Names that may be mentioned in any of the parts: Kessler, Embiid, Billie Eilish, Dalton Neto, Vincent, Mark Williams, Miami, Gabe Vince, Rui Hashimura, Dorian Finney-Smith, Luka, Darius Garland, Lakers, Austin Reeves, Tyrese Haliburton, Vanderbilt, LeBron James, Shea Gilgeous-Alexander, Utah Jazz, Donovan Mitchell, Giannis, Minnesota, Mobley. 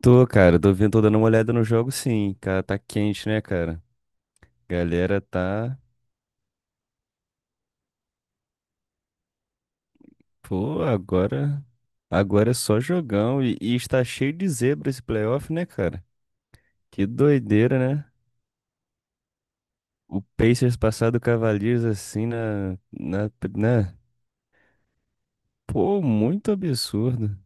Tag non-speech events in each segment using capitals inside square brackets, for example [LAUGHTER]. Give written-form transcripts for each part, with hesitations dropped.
Tô, cara, tô vindo, tô dando uma olhada no jogo, sim. Cara, tá quente, né, cara? Galera tá. Pô, agora. Agora é só jogão e está cheio de zebra esse playoff, né, cara? Que doideira, né? O Pacers passar do Cavaliers assim na, né? Pô, muito absurdo.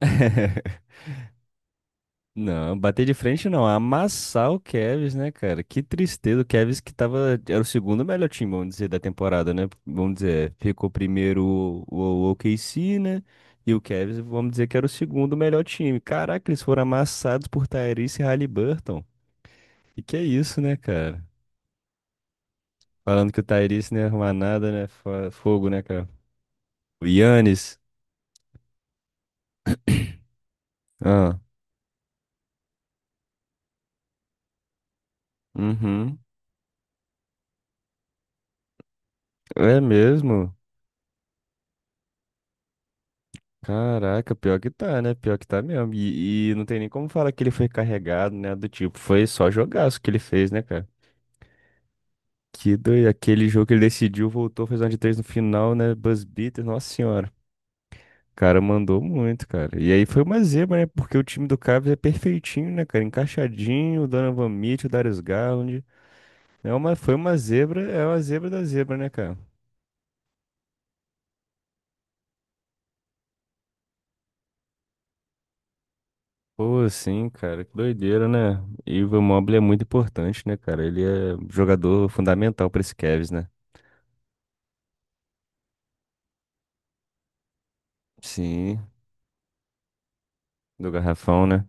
[LAUGHS] Não, bater de frente não, amassar o Cavs, né, cara? Que tristeza, o Cavs que tava, era o segundo melhor time, vamos dizer, da temporada, né? Vamos dizer, ficou primeiro o OKC, né? E o Cavs, vamos dizer que era o segundo melhor time. Caraca, eles foram amassados por Tyrese e Haliburton. E que é isso, né, cara? Falando que o Tyrese não ia arrumar nada, né? Fogo, né, cara? O Giannis. Ah, uhum. É mesmo. Caraca, pior que tá, né? Pior que tá mesmo. E não tem nem como falar que ele foi carregado, né? Do tipo, foi só jogaço que ele fez, né, cara? Que doido. Aquele jogo que ele decidiu, voltou, fez uma de três no final, né? Buzz beater, nossa senhora. O cara, mandou muito, cara. E aí foi uma zebra, né? Porque o time do Cavs é perfeitinho, né, cara? Encaixadinho, o Donovan Mitchell, o Darius Garland. Foi uma zebra, é uma zebra da zebra, né, cara? Pô, sim, cara, que doideira, né? E o Mobley é muito importante, né, cara? Ele é jogador fundamental para esse Cavs, né? Sim, do garrafão, né?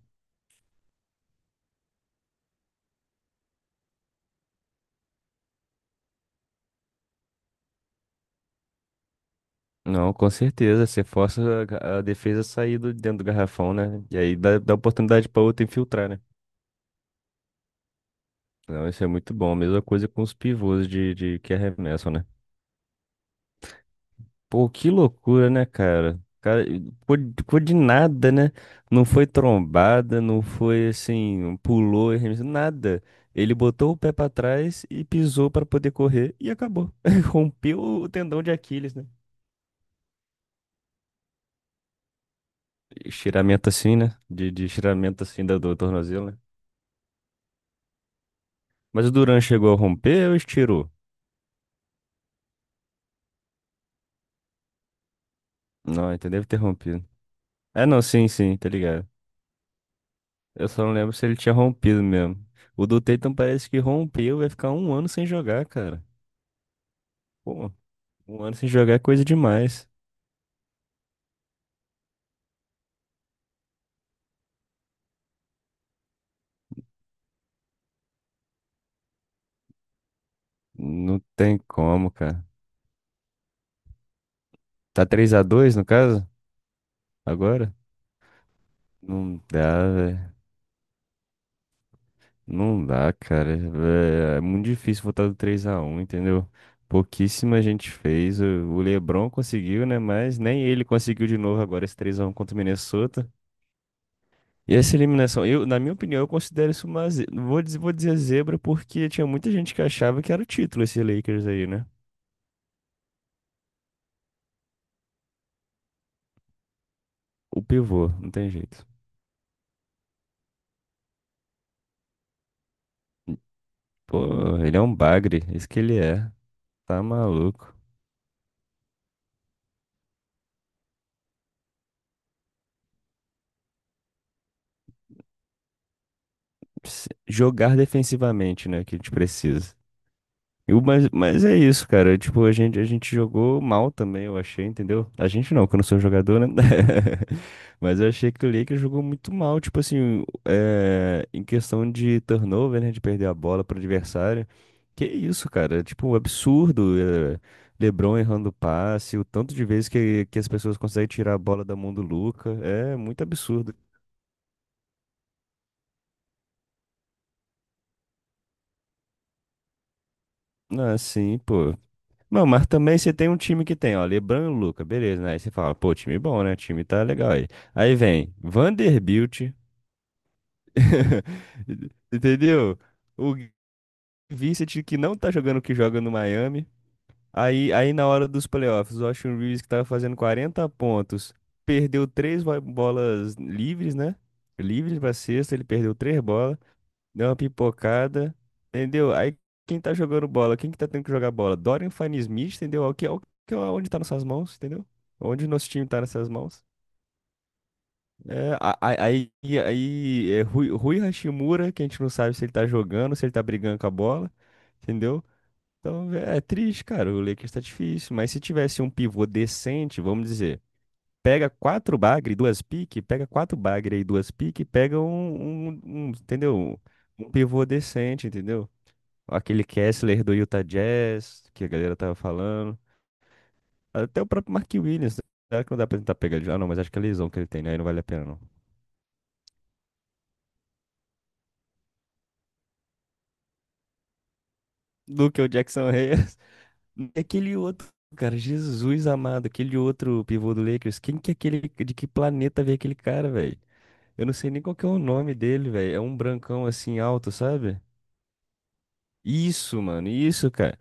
Não, com certeza. Você força a defesa a sair dentro do garrafão, né? E aí dá oportunidade para outra infiltrar, né? Não, isso é muito bom. Mesma coisa com os pivôs de que arremessam, né? Pô, que loucura, né, cara? Cara, ficou de nada, né? Não foi trombada, não foi assim, um pulou, nada. Ele botou o pé pra trás e pisou pra poder correr e acabou. [LAUGHS] Rompeu o tendão de Aquiles, né? Estiramento assim, né? De estiramento assim do tornozelo, né? Mas o Duran chegou a romper ou estirou? Não, então deve ter rompido. É, não, sim, sim, tá ligado. Eu só não lembro se ele tinha rompido mesmo. O do Tatum parece que rompeu, vai ficar um ano sem jogar, cara. Pô. Um ano sem jogar é coisa demais. Não tem como, cara. Tá 3-2 no caso? Agora? Não dá, velho. Não dá, cara. É muito difícil voltar do 3-1, entendeu? Pouquíssima gente fez. O LeBron conseguiu, né? Mas nem ele conseguiu de novo agora esse 3-1 contra o Minnesota. E essa eliminação, eu, na minha opinião, eu considero isso uma ze... Vou dizer zebra porque tinha muita gente que achava que era o título esse Lakers aí, né? O pivô, não tem jeito. Pô, ele é um bagre, isso que ele é. Tá maluco. Jogar defensivamente, né? Que a gente precisa. Mas é isso, cara. Tipo, a gente jogou mal também, eu achei, entendeu? A gente não, que eu não sou jogador, né? [LAUGHS] Mas eu achei que o Lakers jogou muito mal, tipo assim, em questão de turnover, né? De perder a bola pro adversário. Que isso, cara? Tipo, um absurdo. LeBron errando passe, o tanto de vezes que as pessoas conseguem tirar a bola da mão do Luca. É muito absurdo. Ah, sim, pô. Não, mas também você tem um time que tem, ó, LeBron e Luca, beleza, né? Aí você fala, pô, time bom, né? Time tá legal aí. Aí vem Vanderbilt, [LAUGHS] entendeu? O Vincent que não tá jogando o que joga no Miami. Aí na hora dos playoffs, o Austin Reeves que tava fazendo 40 pontos perdeu três bolas livres, né? Livres pra sexta, ele perdeu três bolas. Deu uma pipocada, entendeu? Aí quem tá jogando bola, quem que tá tendo que jogar bola? Dorian Finney-Smith, entendeu? É onde tá nessas mãos, entendeu? Onde nosso time tá nessas mãos. É, aí é Rui Hashimura, que a gente não sabe se ele tá jogando, se ele tá brigando com a bola, entendeu? Então é triste, cara. O Lakers tá difícil, mas se tivesse um pivô decente, vamos dizer, pega quatro bagre e duas pique, pega quatro bagre e duas pique, pega um, entendeu? Um pivô decente, entendeu? Aquele Kessler do Utah Jazz, que a galera tava falando. Até o próprio Mark Williams, né? Será que não dá pra tentar pegar ele? Ah, não, mas acho que é a lesão que ele tem, né? Aí não vale a pena, não. Do que o Jackson Reyes. [LAUGHS] E aquele outro, cara, Jesus amado, aquele outro pivô do Lakers. Quem que é aquele, de que planeta veio aquele cara, velho? Eu não sei nem qual que é o nome dele, velho. É um brancão assim alto, sabe? Isso, mano, isso, cara.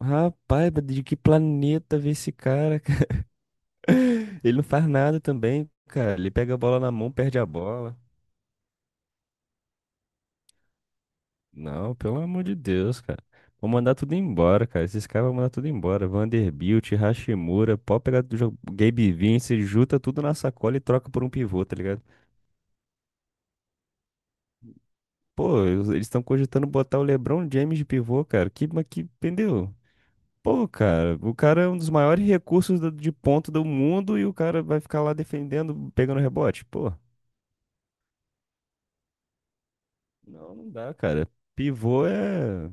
Rapaz, de que planeta veio esse cara, cara? [LAUGHS] Ele não faz nada também, cara. Ele pega a bola na mão, perde a bola. Não, pelo amor de Deus, cara. Vou mandar tudo embora, cara. Esses caras vão mandar tudo embora. Vanderbilt, Hashimura, pode pegar Gabe Vince, junta tudo na sacola e troca por um pivô, tá ligado? Pô, eles estão cogitando botar o LeBron James de pivô, cara. Mas que, entendeu? Pô, cara, o cara é um dos maiores recursos de ponto do mundo e o cara vai ficar lá defendendo, pegando rebote. Pô, não, não dá, cara. Pivô é.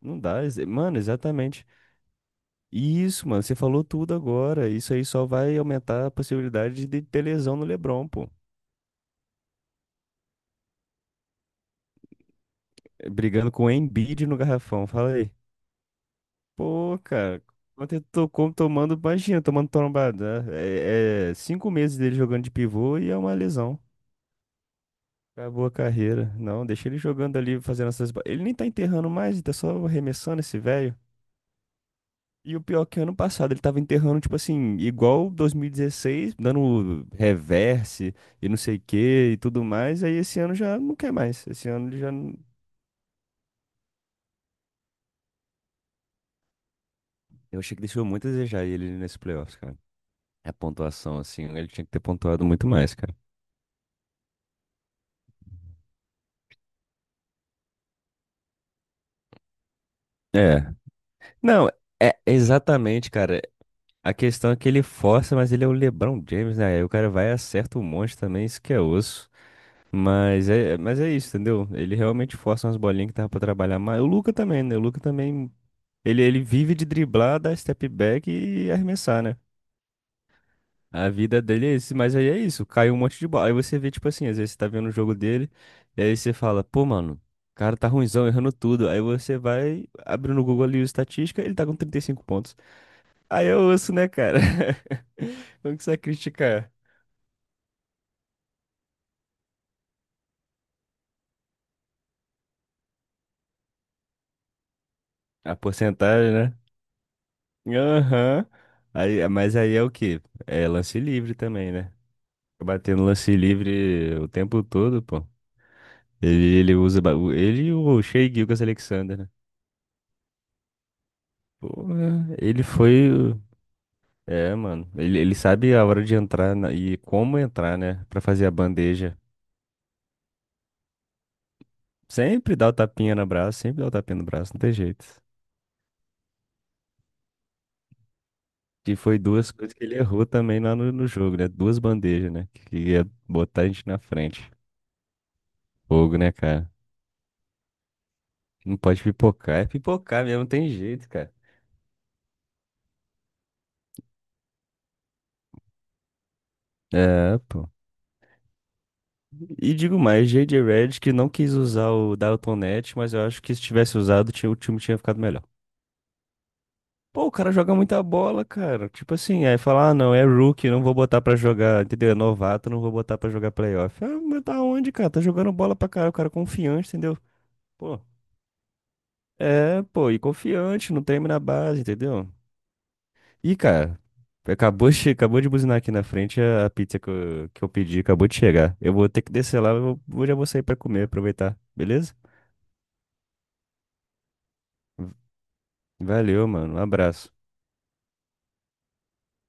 Não dá. Mano, exatamente. Isso, mano, você falou tudo agora. Isso aí só vai aumentar a possibilidade de ter lesão no LeBron, pô. Brigando com o Embiid no garrafão. Fala aí. Pô, cara, ontem tocou tomando, imagina, tomando trombada, né? É 5 meses dele jogando de pivô e é uma lesão. Acabou a carreira. Não, deixa ele jogando ali, fazendo essas. Ele nem tá enterrando mais, ele tá só arremessando esse velho. E o pior que ano passado ele tava enterrando, tipo assim, igual 2016, dando reverse e não sei o que e tudo mais. Aí esse ano já não quer mais. Esse ano ele já. Eu achei que deixou muito a desejar ele nesse playoffs, cara. A pontuação, assim, ele tinha que ter pontuado muito mais, cara. É. Não, é exatamente, cara. A questão é que ele força, mas ele é o LeBron James, né? Aí o cara vai e acerta um monte também, isso que é osso. Mas é isso, entendeu? Ele realmente força umas bolinhas que tava pra trabalhar mais. O Luka também, né? O Luka também. Ele vive de driblar, dar step back e arremessar, né? A vida dele é isso, mas aí é isso, caiu um monte de bola. Aí você vê, tipo assim, às vezes você tá vendo o jogo dele, e aí você fala, pô, mano, o cara tá ruinzão, errando tudo. Aí você vai abrindo no Google ali o estatística, ele tá com 35 pontos. Aí eu ouço, né, cara? [LAUGHS] Como que você vai criticar? A porcentagem, né? Aham. Aí, mas aí é o quê? É lance livre também, né? Batendo lance livre o tempo todo, pô. Ele usa. Ele e o Shea Gilgeous-Alexander, né? Porra, ele foi. É, mano. Ele sabe a hora de entrar e como entrar, né? Pra fazer a bandeja. Sempre dá o tapinha no braço, sempre dá o tapinha no braço, não tem jeito. E foi duas coisas que ele errou também lá no jogo, né? Duas bandejas, né? Que ia botar a gente na frente. Fogo, né, cara? Não pode pipocar, é pipocar mesmo, não tem jeito, cara. É, pô. E digo mais, J J Redick não quis usar o Dalton Neto, mas eu acho que se tivesse usado, o time tinha ficado melhor. Pô, o cara joga muita bola, cara. Tipo assim, aí fala, ah, não, é rookie, não vou botar pra jogar, entendeu? É novato, não vou botar pra jogar playoff. Ah, mas tá onde, cara? Tá jogando bola pra caralho, o cara é confiante, entendeu? Pô, é, pô, e confiante, não treme na base, entendeu? Ih, cara, acabou de buzinar aqui na frente a pizza que eu pedi, acabou de chegar. Eu vou ter que descer lá, já vou sair pra comer, aproveitar, beleza? V- Valeu, mano, um abraço.